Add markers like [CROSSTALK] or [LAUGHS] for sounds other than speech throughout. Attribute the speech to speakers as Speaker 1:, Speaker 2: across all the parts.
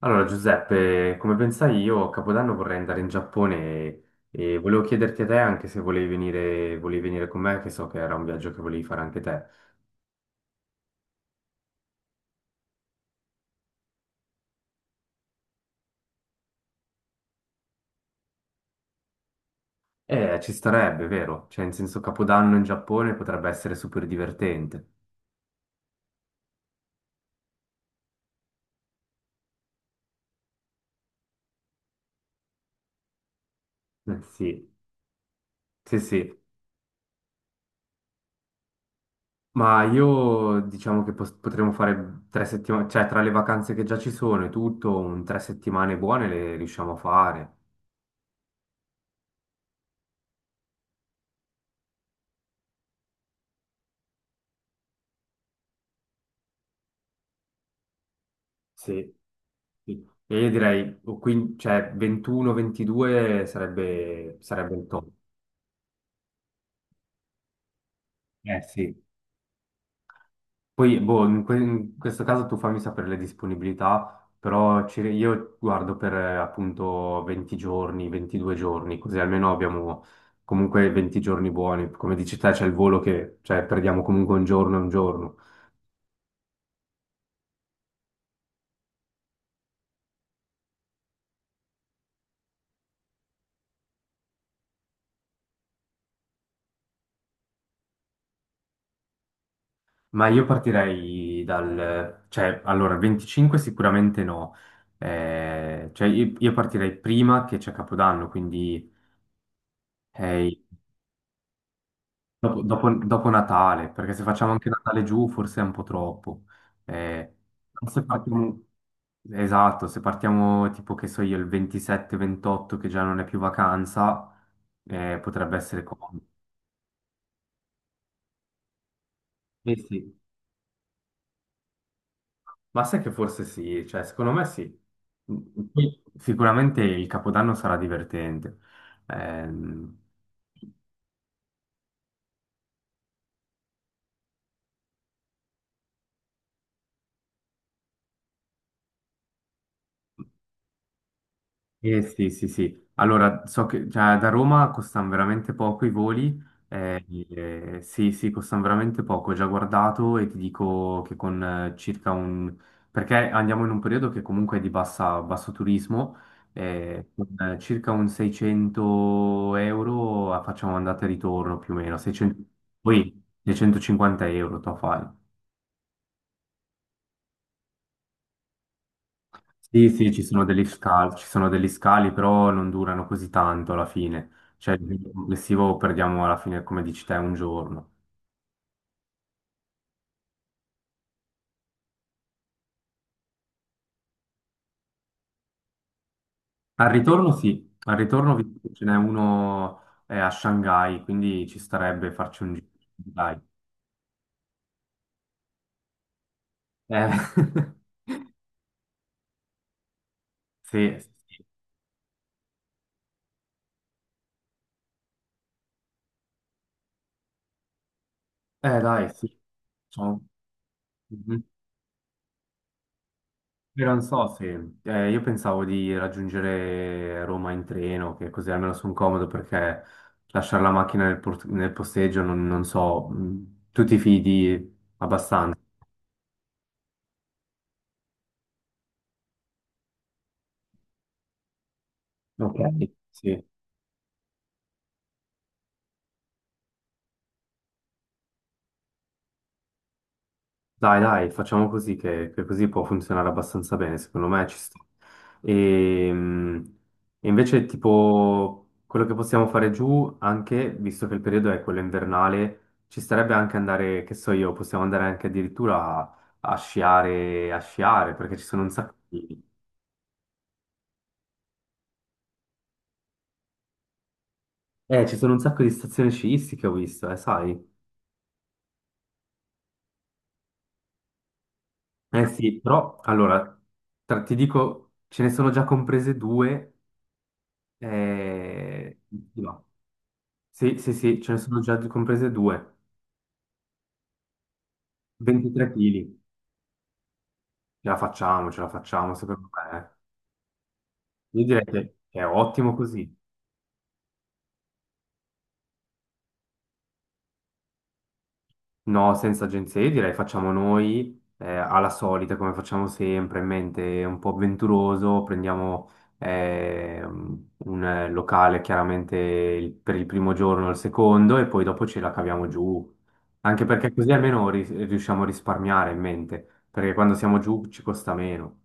Speaker 1: Allora, Giuseppe, come pensai io, a Capodanno vorrei andare in Giappone e volevo chiederti a te anche se volevi venire con me, che so che era un viaggio che volevi fare anche te. Ci starebbe, vero? Cioè, in senso, Capodanno in Giappone potrebbe essere super divertente. Eh sì, sì, sì. Ma io diciamo che potremmo fare 3 settimane, cioè tra le vacanze che già ci sono e tutto, un 3 settimane buone le riusciamo a fare. Sì, sì. E io direi o cioè, 21-22 sarebbe il top. Eh sì. Poi, boh, in questo caso tu fammi sapere le disponibilità, però io guardo per appunto 20 giorni, 22 giorni, così almeno abbiamo comunque 20 giorni buoni. Come dici te, c'è il volo che, cioè, perdiamo comunque un giorno e un giorno. Ma io partirei dal, cioè, allora, 25 sicuramente no. Cioè, io partirei prima che c'è Capodanno, quindi eh, dopo Natale, perché se facciamo anche Natale giù forse è un po' troppo. Eh, però se partiamo- Esatto, se partiamo tipo che so io il 27-28 che già non è più vacanza, potrebbe essere comodo. Eh sì. Ma sai che forse sì, cioè secondo me sì. Poi sicuramente il Capodanno sarà divertente. Ehm, eh sì, sì, sì. Allora, so che cioè, da Roma costano veramente poco i voli. Sì, sì, costano veramente poco. Ho già guardato e ti dico che con circa un. Perché andiamo in un periodo che comunque è di basso turismo, con circa un 600 euro facciamo andata e ritorno più o meno, 600. Poi 650 euro tu fai. Sì, sì, ci sono degli scali, però non durano così tanto alla fine. Cioè, il complessivo perdiamo alla fine, come dici te, un giorno. Al ritorno sì, al ritorno ho visto che ce n'è uno a Shanghai, quindi ci starebbe farci un giro. Dai. Eh, [LAUGHS] sì, sì. Dai, sì. Ciao. Mhm. Io non so se io pensavo di raggiungere Roma in treno, che così almeno sono comodo perché lasciare la macchina nel posteggio non so, tu ti fidi abbastanza. Ok. Sì. Dai, dai, facciamo così che così può funzionare abbastanza bene, secondo me ci sta. E, mm, e invece tipo quello che possiamo fare giù, anche visto che il periodo è quello invernale, ci starebbe anche andare, che so io, possiamo andare anche addirittura a sciare, perché ci sono un sacco di stazioni sciistiche, ho visto, sai? Eh sì, però allora, ti dico, ce ne sono già comprese due. Eh, no, sì, sì, sì, ce ne sono già comprese due. 23 kg. Ce la facciamo, secondo me. Io direi che è ottimo così. No, senza agenzie, io direi facciamo noi alla solita, come facciamo sempre, in mente un po' avventuroso, prendiamo un locale chiaramente per il primo giorno o il secondo e poi dopo ce la caviamo giù. Anche perché così almeno riusciamo a risparmiare in mente, perché quando siamo giù ci costa meno.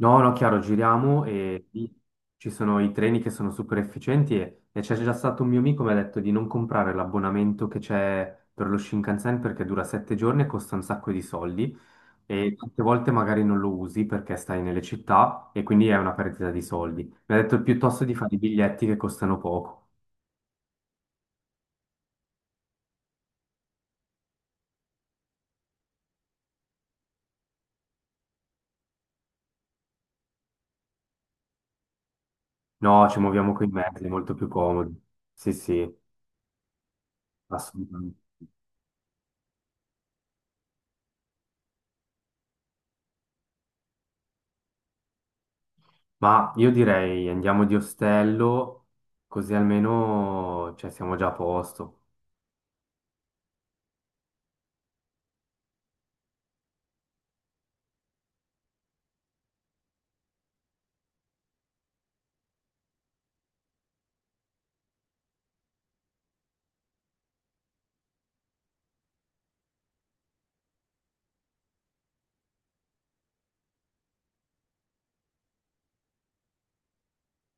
Speaker 1: No, no, chiaro, giriamo e lì ci sono i treni che sono super efficienti e c'è già stato un mio amico che mi ha detto di non comprare l'abbonamento che c'è per lo Shinkansen perché dura 7 giorni e costa un sacco di soldi e tante volte magari non lo usi perché stai nelle città e quindi è una perdita di soldi. Mi ha detto piuttosto di fare i biglietti che costano poco. No, ci muoviamo con i mezzi, è molto più comodo. Sì, sì, assolutamente. Ma io direi andiamo di ostello, così almeno cioè, siamo già a posto.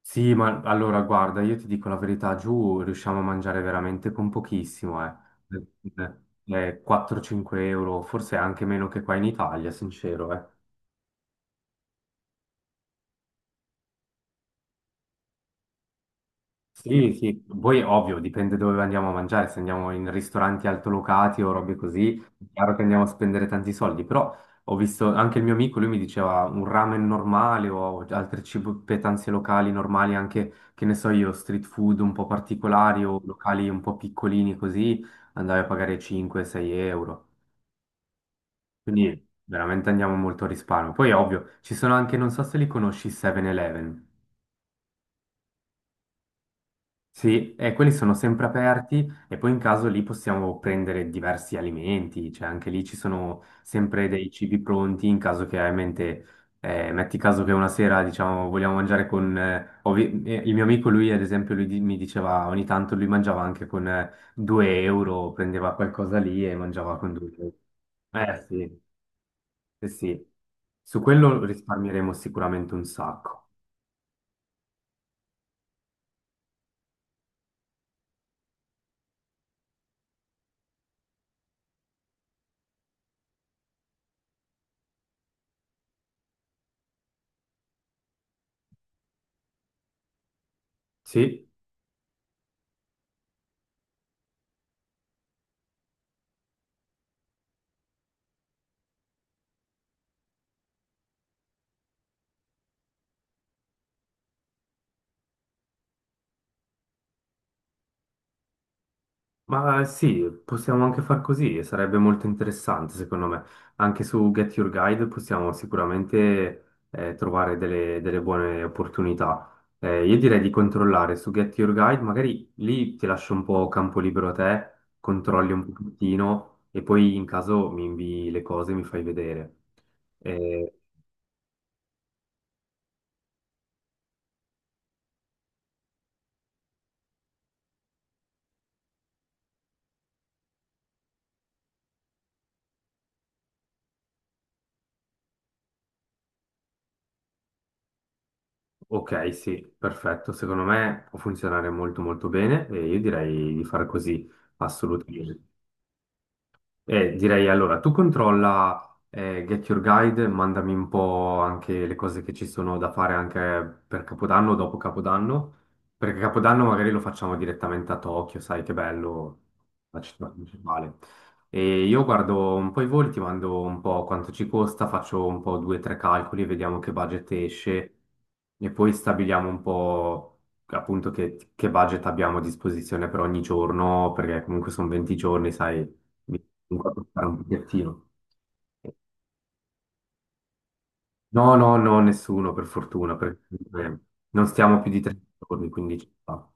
Speaker 1: Sì, ma allora guarda, io ti dico la verità, giù riusciamo a mangiare veramente con pochissimo, eh. Eh, 4-5 euro, forse anche meno che qua in Italia, sincero, eh. Sì, sì, poi ovvio, dipende dove andiamo a mangiare, se andiamo in ristoranti altolocati o robe così, è chiaro che andiamo a spendere tanti soldi, però ho visto anche il mio amico, lui mi diceva un ramen normale o altre petanze locali normali, anche che ne so io, street food un po' particolari o locali un po' piccolini così, andavi a pagare 5-6 euro, quindi veramente andiamo molto a risparmio. Poi ovvio, ci sono anche, non so se li conosci, 7-Eleven. Sì, e quelli sono sempre aperti e poi in caso lì possiamo prendere diversi alimenti, cioè anche lì ci sono sempre dei cibi pronti in caso che hai in mente, metti caso che una sera diciamo vogliamo mangiare con, il mio amico lui ad esempio mi diceva ogni tanto lui mangiava anche con 2 euro, prendeva qualcosa lì e mangiava con 2 euro. Eh sì, sì, sì, su quello risparmieremo sicuramente un sacco. Sì. Ma sì, possiamo anche far così, e sarebbe molto interessante secondo me. Anche su Get Your Guide possiamo sicuramente trovare delle buone opportunità. Io direi di controllare su Get Your Guide, magari lì ti lascio un po' campo libero a te, controlli un pochettino e poi in caso mi invii le cose e mi fai vedere. Eh, ok, sì, perfetto, secondo me può funzionare molto molto bene e io direi di fare così, assolutamente. Direi allora, tu controlla Get Your Guide, mandami un po' anche le cose che ci sono da fare anche per Capodanno, dopo Capodanno, perché Capodanno magari lo facciamo direttamente a Tokyo, sai che bello, la città principale. E io guardo un po' i voli, ti mando un po' quanto ci costa, faccio un po' due o tre calcoli, vediamo che budget esce e poi stabiliamo un po' appunto che budget abbiamo a disposizione per ogni giorno, perché comunque sono 20 giorni, sai mi mi vado a fare un bigliettino. No, no, no, nessuno, per fortuna, perché eh, non stiamo più di 3 giorni, quindi ci sta.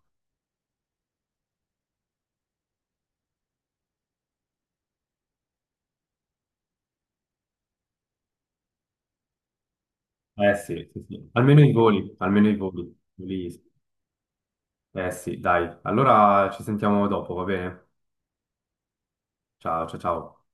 Speaker 1: Eh sì, sì, sì. Almeno i voli, almeno i voli. Quelli- Eh sì, dai. Allora ci sentiamo dopo, va bene? Ciao, ciao, ciao.